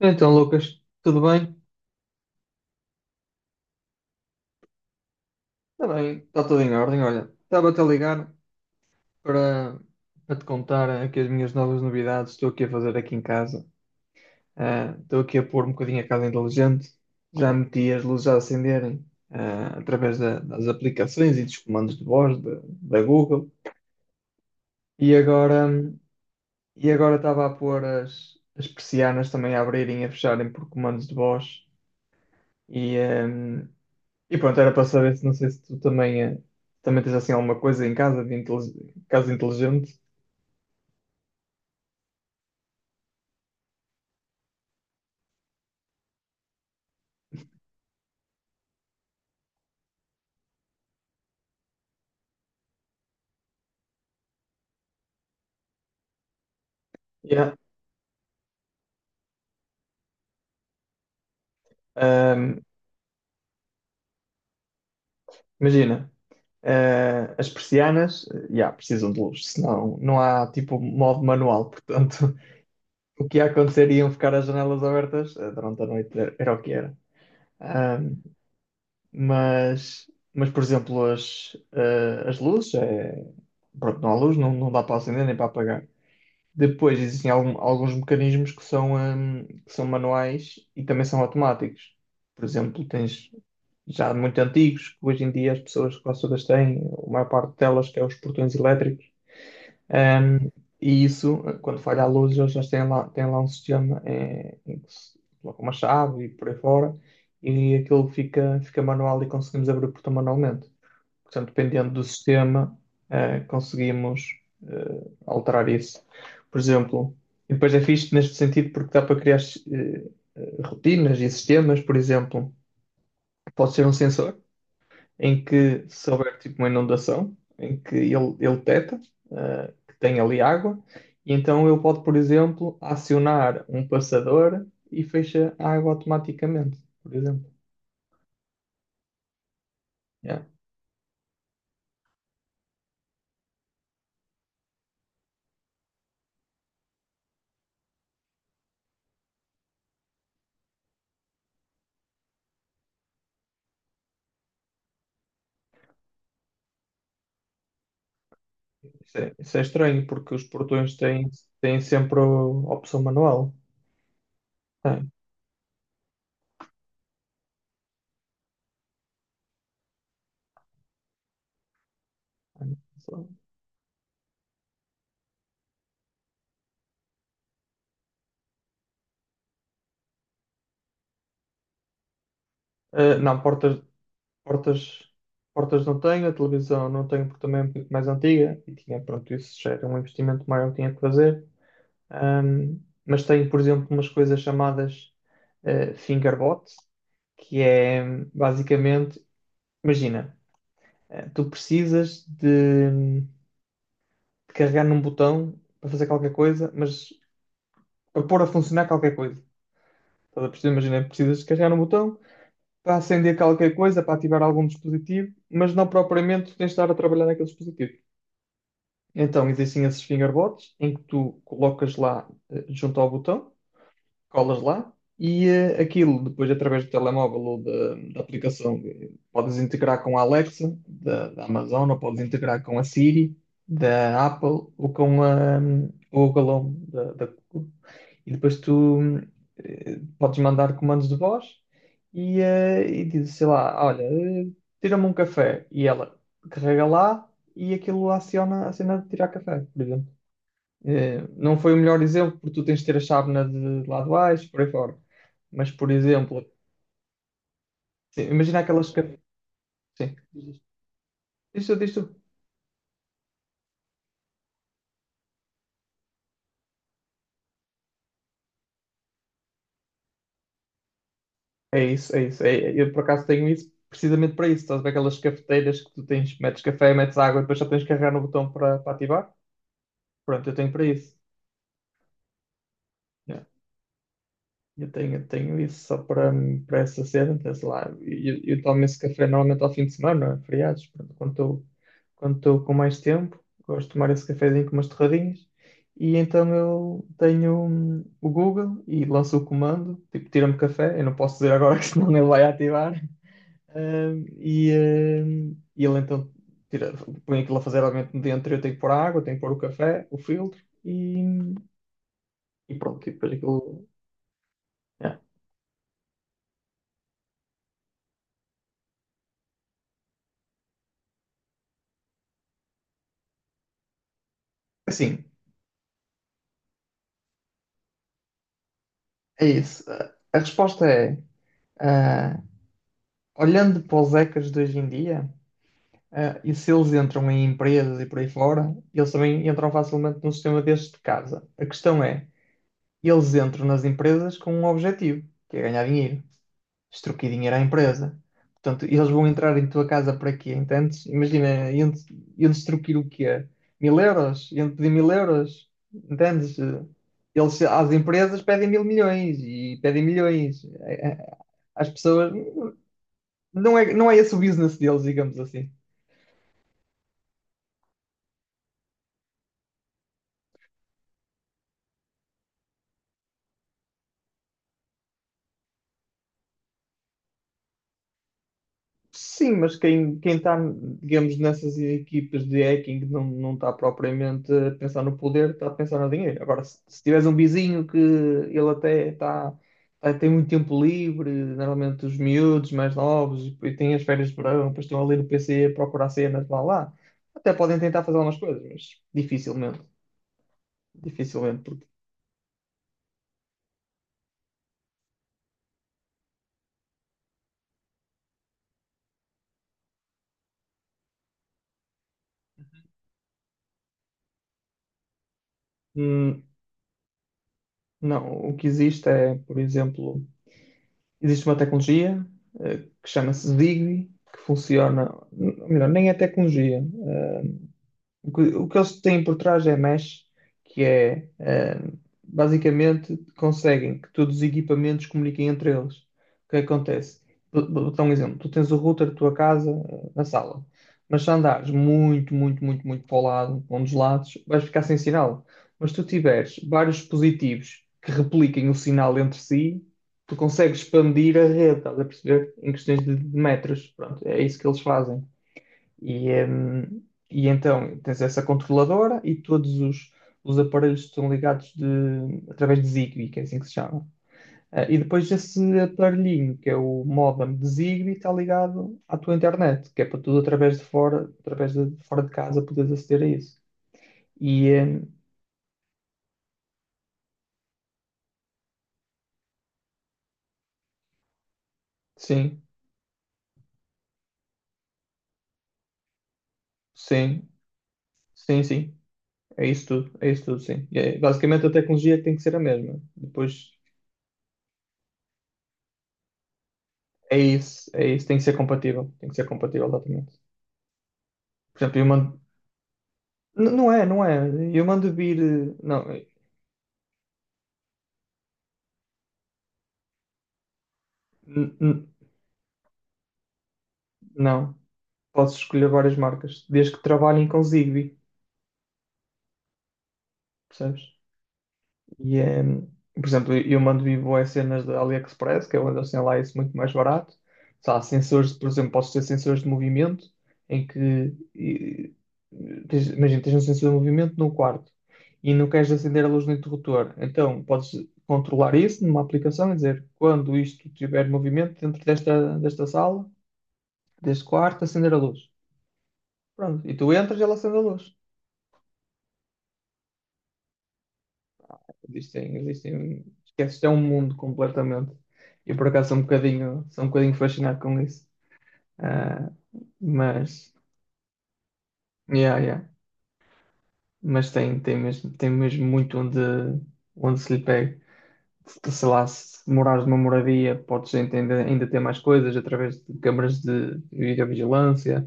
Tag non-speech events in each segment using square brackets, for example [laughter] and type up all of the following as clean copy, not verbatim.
Então, Lucas, tudo bem? Está bem, está tudo em ordem. Olha, estava-te a ligar para, para te contar aqui as minhas novas novidades. Estou aqui a fazer aqui em casa. Estou aqui a pôr um bocadinho a casa inteligente. Já meti as luzes a acenderem através das aplicações e dos comandos de voz da Google. E agora, e agora estava a pôr as persianas também a abrirem e a fecharem por comandos de voz. E, ah, E pronto, era para saber se não sei se tu também, também tens assim alguma coisa em casa de casa inteligente. Yeah. Ahm, imagina, as persianas, yeah, precisam de luz, senão não há tipo modo manual, portanto, [laughs] o que ia acontecer iam ficar as janelas abertas durante a noite, era o que era. Ahm, mas, mas, por exemplo, as luzes, pronto, não há luz, não dá para acender nem para apagar. Depois existem alguns mecanismos que são manuais e também são automáticos. Por exemplo, tens já muito antigos, que hoje em dia as pessoas quase todas têm, a maior parte delas, que é os portões elétricos. Hum, e isso, quando falha a luz, eles já têm lá um sistema em que se coloca uma chave e por aí fora, e aquilo fica manual e conseguimos abrir o portão manualmente. Portanto, dependendo do sistema, conseguimos alterar isso. Por exemplo, e depois é fixe neste sentido porque dá para criar eh, rotinas e sistemas, por exemplo, pode ser um sensor em que se houver tipo uma inundação, em que ele detecta que tem ali água, e então ele pode, por exemplo, acionar um passador e fecha a água automaticamente, por exemplo. Yeah. Isso é estranho, porque os portões têm, têm sempre a opção manual. Tem, tem. Eh, não, portas, portas, portas não tenho, a televisão não tenho, porque também é um pouco mais antiga. E tinha, pronto, isso já era um investimento maior que tinha que fazer. Ahm, mas tenho, por exemplo, umas coisas chamadas fingerbot, que é basicamente, imagina, tu precisas de carregar num botão para fazer qualquer coisa, mas para pôr a funcionar qualquer coisa. Estás a perceber? Imagina, precisas de carregar um botão para acender qualquer coisa, para ativar algum dispositivo, mas não propriamente tens de estar a trabalhar naquele dispositivo. Então, existem esses fingerbots em que tu colocas lá junto ao botão colas lá e aquilo, depois através do telemóvel ou da aplicação, podes integrar com a Alexa da Amazon, ou podes integrar com a Siri da Apple ou com o Google Home da Google. E depois tu podes mandar comandos de voz e dizes, sei lá, olha, tira-me um café e ela carrega lá e aquilo aciona a cena de tirar café, por exemplo. Não foi o melhor exemplo, porque tu tens de ter a chávena de lá de baixo, por aí fora. Mas, por exemplo, sim, imagina aquelas. Sim, isto. É isso. Eu, por acaso, tenho isso precisamente para isso. Estás a ver aquelas cafeteiras que tu tens, metes café, metes água e depois só tens que carregar no botão para ativar? Pronto, eu tenho para isso. É. Tenho isso só para essa cena, então, sei lá. Eu tomo esse café normalmente ao fim de semana, feriados, pronto, quando estou com mais tempo, gosto de tomar esse cafezinho com umas torradinhas. E então eu tenho o Google e lanço o comando, tipo, tira-me café, eu não posso dizer agora [laughs] que senão ele vai ativar. Hum, e, e ele então tira, põe aquilo a fazer obviamente dentro, eu tenho que pôr a água, tenho que pôr o café, o filtro e pronto, e depois aquilo. É. Assim, é isso. A resposta é, ah, olhando para os hackers de hoje em dia, e se eles entram em empresas e por aí fora, eles também entram facilmente num sistema destes de casa. A questão é, eles entram nas empresas com um objetivo, que é ganhar dinheiro, extorquir dinheiro à empresa. Portanto, eles vão entrar em tua casa para quê? Entendes? Imagina, iam extorquir o quê? Mil euros? Iam pedir mil euros? Entendes? Eles, às empresas pedem mil milhões e pedem milhões. É, às pessoas. Não é esse o business deles, digamos assim. Sim, mas quem está, digamos, nessas equipas de hacking não está propriamente a pensar no poder, está a pensar no dinheiro. Agora, se tiveres um vizinho que ele até está, tem muito tempo livre, normalmente os miúdos mais novos, e depois têm as férias de verão, depois estão ali no PC a procurar cenas lá, até podem tentar fazer algumas coisas, mas dificilmente, dificilmente, porque hum, não, o que existe é, por exemplo, existe uma tecnologia eh, que chama-se Zigbee, que funciona, ou melhor, nem é tecnologia, eh, o que eles têm por trás é mesh, que é, eh, basicamente conseguem que todos os equipamentos comuniquem entre eles. O que é que acontece? Vou dar um exemplo. Tu tens o router da tua casa na sala, mas se andares muito para o lado, para um dos lados, vais ficar sem sinal. Mas se tu tiveres vários dispositivos que repliquem o sinal entre si, tu consegues expandir a rede, estás a perceber? Em questões de metros. Pronto, é isso que eles fazem. E, hum, e então tens essa controladora e todos os aparelhos estão ligados através de Zigbee, que é assim que se chama. E depois esse aparelhinho, que é o modem de Zigbee, está ligado à tua internet, que é para tudo através de fora de casa poderes aceder a isso. E hum, sim, sim, sim. É isso tudo, sim. E é basicamente a tecnologia tem que ser a mesma. Depois é isso, tem que ser compatível, exatamente. Por exemplo, eu, man- N- Não é, não é. Eu mando vir. Eh, Não, eh, n- n- não. Posso escolher várias marcas, desde que trabalhem com Zigbee, percebes? E é. Por exemplo, eu mando vir boas cenas da AliExpress, que é onde eles têm lá isso muito mais barato. Sei lá, sensores, por exemplo, posso ter sensores de movimento, em que. e- Imagina, tens um sensor de movimento num quarto e não queres acender a luz no interruptor. Então, podes controlar isso numa aplicação e dizer quando isto tiver movimento dentro desta sala. Desde quarto, acender a luz. Pronto. E tu entras e ela acende a luz. Existem, existem. Esquece, isto é um mundo completamente. E por acaso sou um bocadinho fascinado com isso. Ah, mas, yeah, yeah. Mas tem, tem mesmo muito onde se lhe pega. Sei lá, se morares numa moradia, podes ainda, ainda ter mais coisas através de câmaras de videovigilância,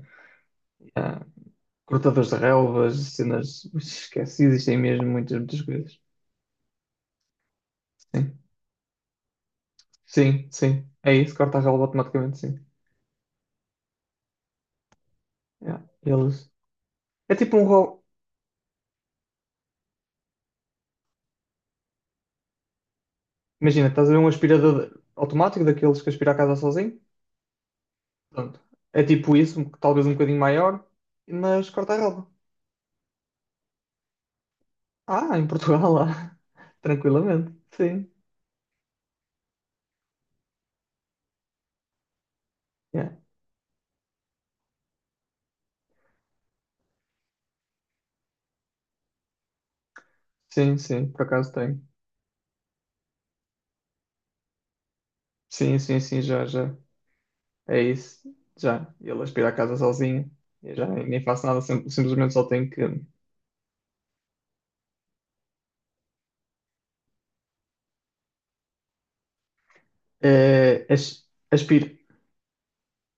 cortadores de relvas, cenas. Esquece, existem mesmo muitas, muitas coisas. Sim. Sim, sim. É isso, corta a relva automaticamente, sim. Yeah. Eles... É tipo um rolo. Imagina, estás a ver um aspirador automático daqueles que aspira a casa sozinho? Pronto. É tipo isso, um, talvez um bocadinho maior, mas corta a relva. Ah, em Portugal, lá. [laughs] Tranquilamente. Sim. Yeah. Sim, sim, por acaso tem. Sim, sim, sim, já, já. É isso. Já. Ele aspira a casa sozinho. Eu já nem faço nada, simplesmente só tenho que. eh, as- aspiro.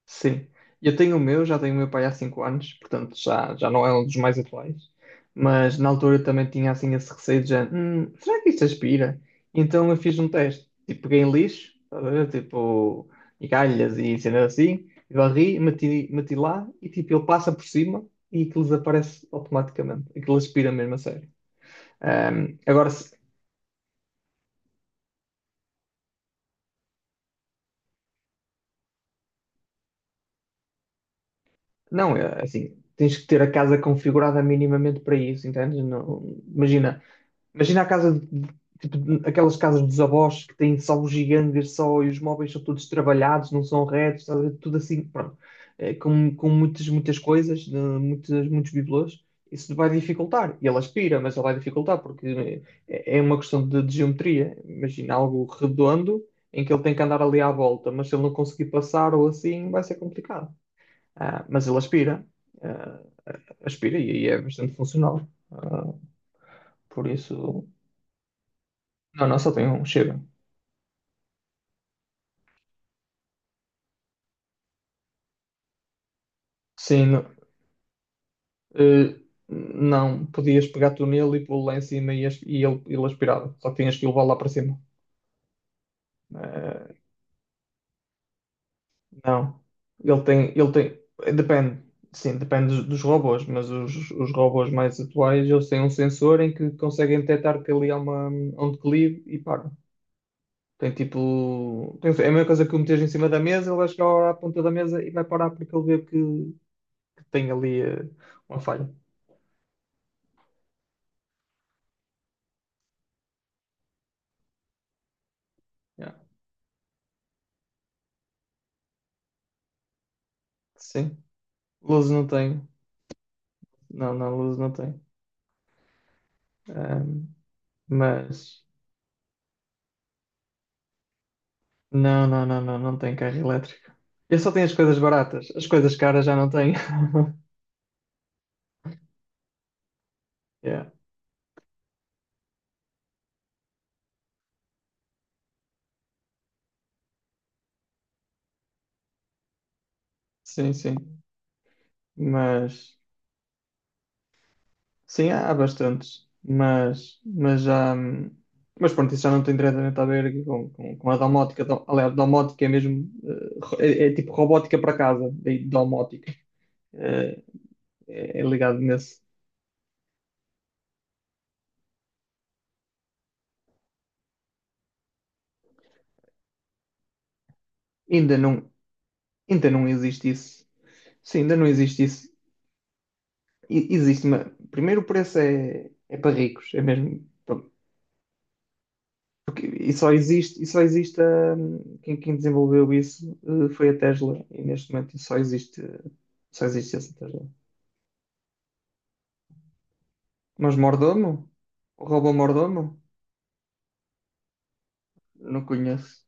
Sim. Eu tenho o meu, já tenho o meu pai há 5 anos, portanto já, já não é um dos mais atuais. Mas na altura eu também tinha assim esse receio de já, será que isto aspira? Então eu fiz um teste, tipo, peguei em lixo, estás a ver? Tipo, e galhas e cenas assim, e varri, meti lá e tipo, ele passa por cima e aquilo desaparece automaticamente. Aquilo aspira mesmo a sério. Agora, se- não, é assim, tens que ter a casa configurada minimamente para isso, entendes? Não, imagina. Imagina a casa, aquelas casas dos avós que têm só os gigantes só, e os móveis são todos trabalhados, não são retos, estás a ver? Tudo assim, pronto. Com muitas, muitas coisas, de muitas, muitos bibelôs. Isso vai dificultar. E ele aspira, mas ele vai dificultar, porque é uma questão de geometria. Imagina algo redondo em que ele tem que andar ali à volta, mas se ele não conseguir passar ou assim, vai ser complicado. Ah, mas ele aspira, ah, aspira e aí é bastante funcional. Por isso, não, só tem um, chega. Sim, não, eh, não, podias pegar tu nele e pô-lo lá em cima e ele aspirava. Só que tinhas que levá-lo lá para cima. Eh, não, ele tem, depende, sim, depende dos robôs, mas os robôs mais atuais, eles têm um sensor em que conseguem detectar que ali há uma, um declive e param. É a mesma coisa que o meteres em cima da mesa, ele vai chegar à ponta da mesa e vai parar porque ele vê que tem ali uma falha. Yeah. Sim, luz não tem. Não, não, luz não tem. Ahm, mas não, não, não, não, não tem carro elétrico. Eu só tenho as coisas baratas, as coisas caras já não tenho. [laughs] Yeah. Sim, sim. Mas sim, há, há bastantes. Mas já. Mas pronto, isso já não tem diretamente a ver com a domótica. Aliás, domótica é mesmo. É, é tipo robótica para casa, daí domótica. Eh, é, é ligado nesse. Ainda não, ainda não existe isso. Sim, ainda não existe isso. Existe uma. Primeiro, é para ricos, é mesmo. Pronto. Porque, e só existe quem desenvolveu isso foi a Tesla, e neste momento só existe essa Tesla. Mas Mordomo? O robô Mordomo? Não conheço.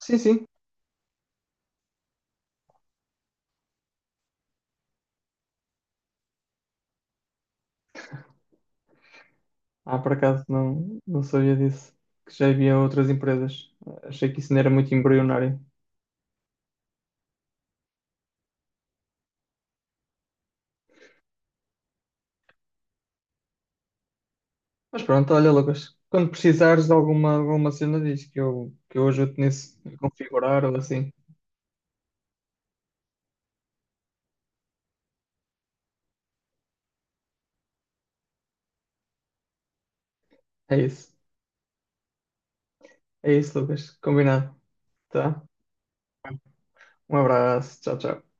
Sim, sim. Ah, por acaso não sabia disso. Que já havia outras empresas. Achei que isso não era muito embrionário. Mas pronto, olha, Lucas. Quando precisares de alguma cena, diz que que eu ajudo nisso, a configurar ou assim. É isso. É isso, Lucas. Combinado. Tá? Um abraço. Tchau, tchau.